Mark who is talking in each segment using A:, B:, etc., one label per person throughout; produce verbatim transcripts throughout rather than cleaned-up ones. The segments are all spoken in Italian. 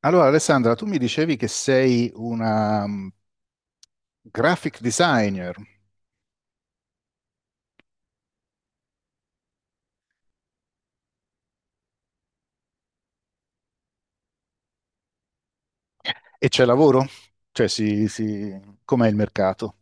A: Allora, Alessandra, tu mi dicevi che sei una mm, graphic designer e c'è lavoro? Cioè, si, si... com'è il mercato?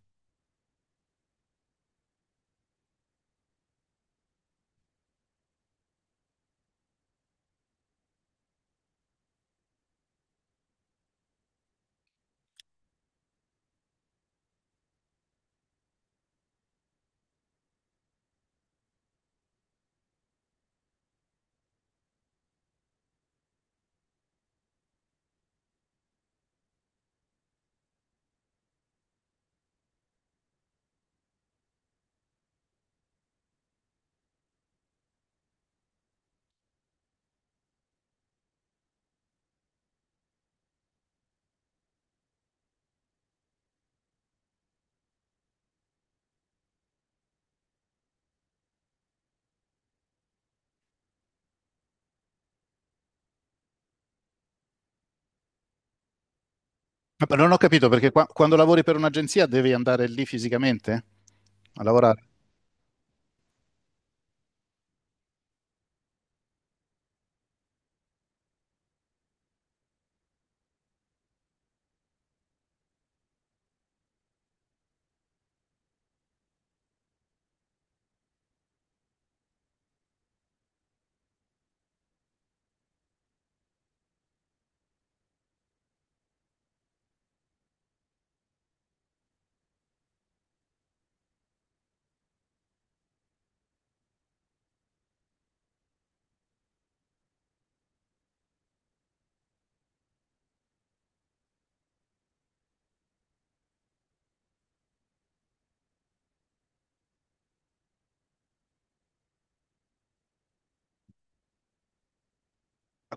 A: Ah, però non ho capito perché qua- quando lavori per un'agenzia devi andare lì fisicamente a lavorare.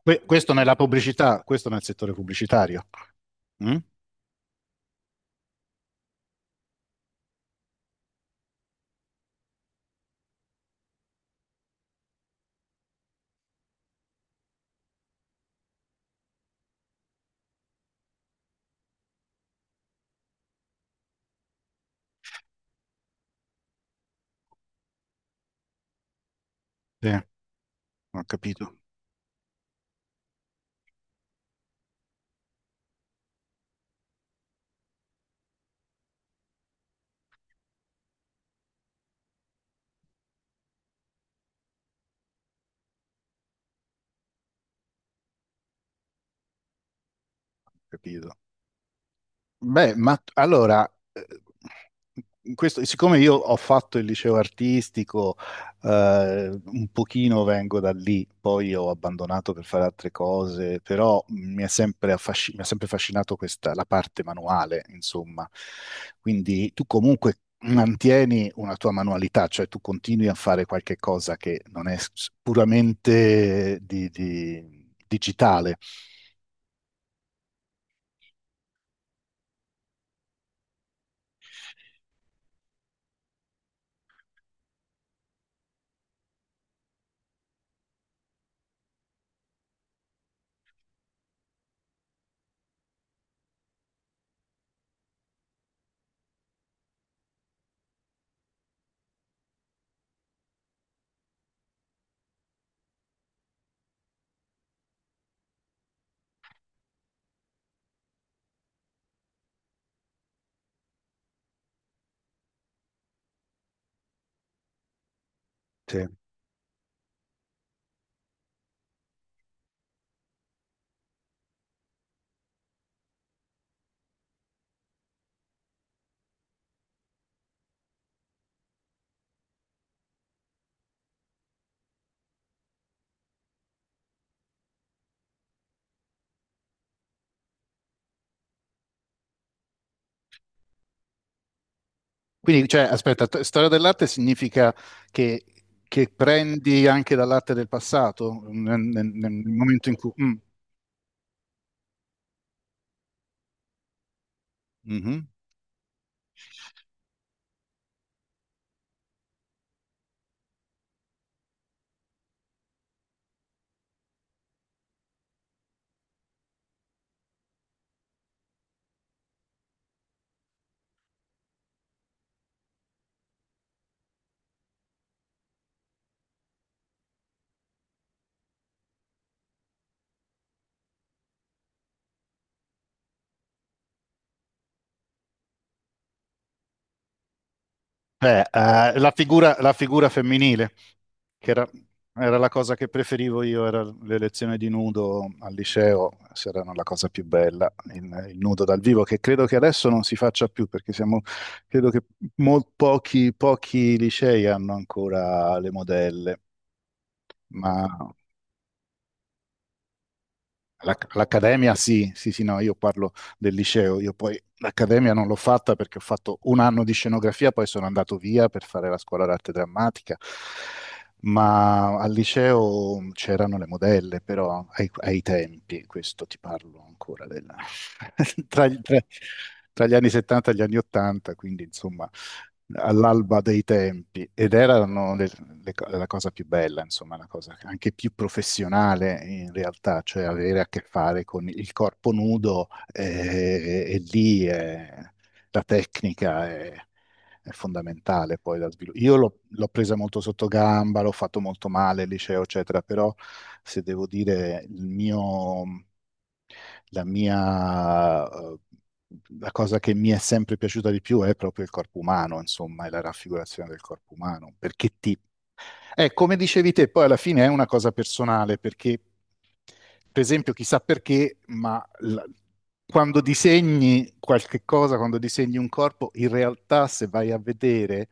A: Que- questo nella pubblicità, questo nel settore pubblicitario. Mm? Sì, ho capito, ho capito. Beh, ma t- allora, eh, questo, siccome io ho fatto il liceo artistico, eh, un pochino vengo da lì, poi ho abbandonato per fare altre cose, però mi è sempre affasci- mi ha sempre affascinato questa, la parte manuale, insomma. Quindi tu comunque mantieni una tua manualità, cioè tu continui a fare qualche cosa che non è s- puramente di- di- digitale. Sì. Quindi, cioè, aspetta, t- storia dell'arte significa che, che prendi anche dall'arte del passato, nel, nel- nel momento in cui... mm, mhm. Beh, eh, la figura, la figura femminile, che era, era la cosa che preferivo io, era le lezioni di nudo al liceo, se erano la cosa più bella, il, il nudo dal vivo, che credo che adesso non si faccia più, perché siamo, credo che mol- pochi, pochi licei hanno ancora le modelle, ma... L'ac- L'accademia sì, sì, sì, no, io parlo del liceo, io poi l'accademia non l'ho fatta perché ho fatto un anno di scenografia, poi sono andato via per fare la scuola d'arte drammatica, ma al liceo c'erano le modelle, però ai, ai tempi, questo ti parlo ancora della- tra, gli tra- tra gli anni settanta e gli anni ottanta, quindi insomma all'alba dei tempi, ed erano le- le co- la cosa più bella, insomma, la cosa anche più professionale in realtà, cioè avere a che fare con il corpo nudo, eh, e lì, eh, la tecnica, eh, è fondamentale poi da sviluppare. Io l'ho l'ho presa molto sotto gamba, l'ho fatto molto male, il liceo, eccetera, però se devo dire il mio, la mia, eh, la cosa che mi è sempre piaciuta di più è proprio il corpo umano, insomma, è la raffigurazione del corpo umano, perché ti, eh, come dicevi te, poi alla fine è una cosa personale, perché, per esempio, chissà perché, ma la- quando disegni qualche cosa, quando disegni un corpo, in realtà se vai a vedere,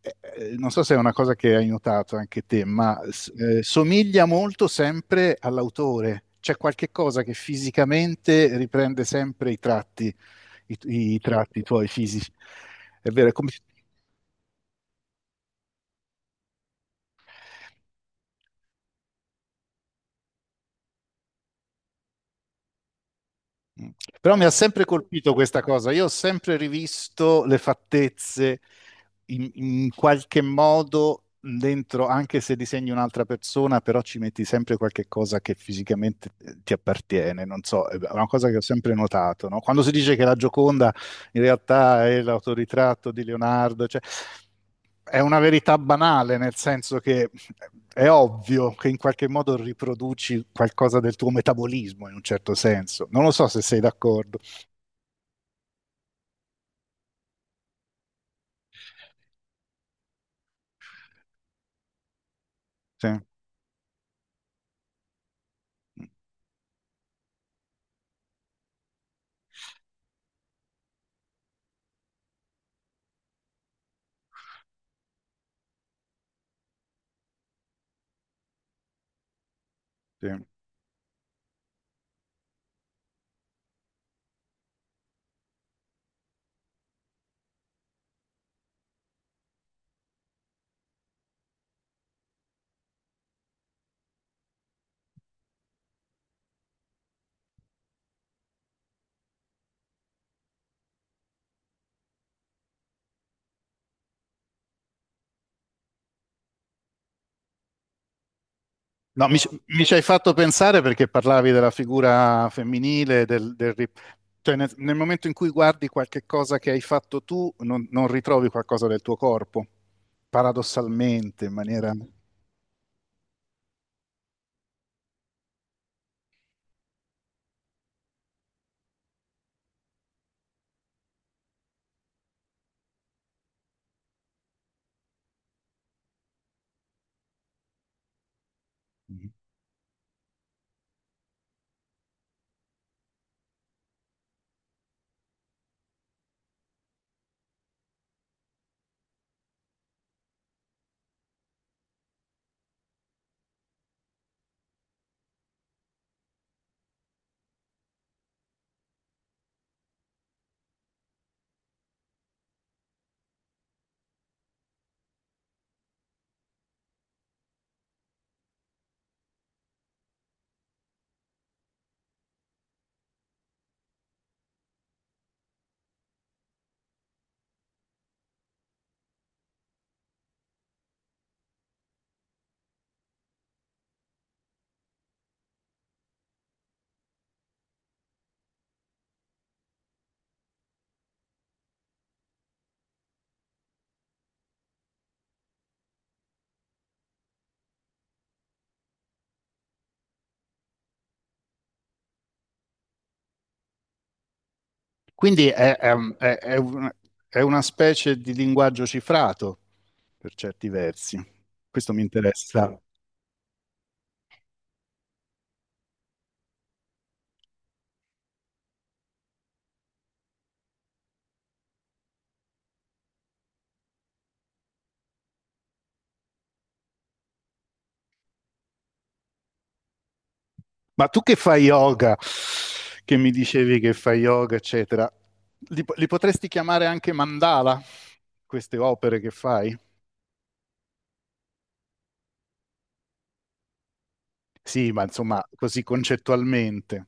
A: eh, eh, non so se è una cosa che hai notato anche te, ma s- eh, somiglia molto sempre all'autore. C'è qualche cosa che fisicamente riprende sempre i tratti, i, i tratti tuoi fisici. È vero, è come... Mm. Però mi ha sempre colpito questa cosa. Io ho sempre rivisto le fattezze in, in qualche modo dentro, anche se disegni un'altra persona, però ci metti sempre qualche cosa che fisicamente, eh, ti appartiene. Non so, è una cosa che ho sempre notato, no? Quando si dice che la Gioconda in realtà è l'autoritratto di Leonardo. Cioè, è una verità banale, nel senso che è ovvio che in qualche modo riproduci qualcosa del tuo metabolismo in un certo senso. Non lo so se sei d'accordo. Sì, sì. No, mi, ci mi ci hai fatto pensare perché parlavi della figura femminile, del, del ri- cioè nel, nel momento in cui guardi qualche cosa che hai fatto tu, non, non ritrovi qualcosa del tuo corpo, paradossalmente, in maniera... Quindi è, è un- è- è un- è una specie di linguaggio cifrato per certi versi. Questo mi interessa. Ma tu che fai yoga, che mi dicevi che fai yoga, eccetera, li, po- li potresti chiamare anche mandala, queste opere che fai? Sì, ma insomma, così concettualmente.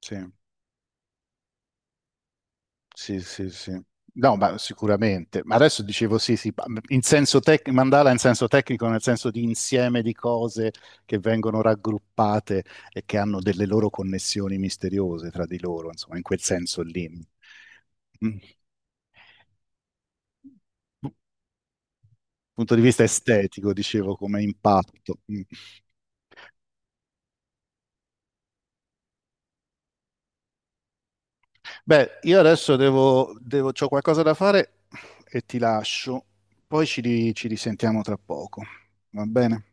A: Sì. Sì, sì, sì. No, ma sicuramente. Ma adesso dicevo sì, sì, ma in senso tec- mandala in senso tecnico, nel senso di insieme di cose che vengono raggruppate e che hanno delle loro connessioni misteriose tra di loro, insomma, in quel senso lì. Mm. Punto di vista estetico, dicevo, come impatto. Mm. Beh, io adesso devo, devo, c'ho qualcosa da fare e ti lascio. Poi ci ri- ci risentiamo tra poco. Va bene?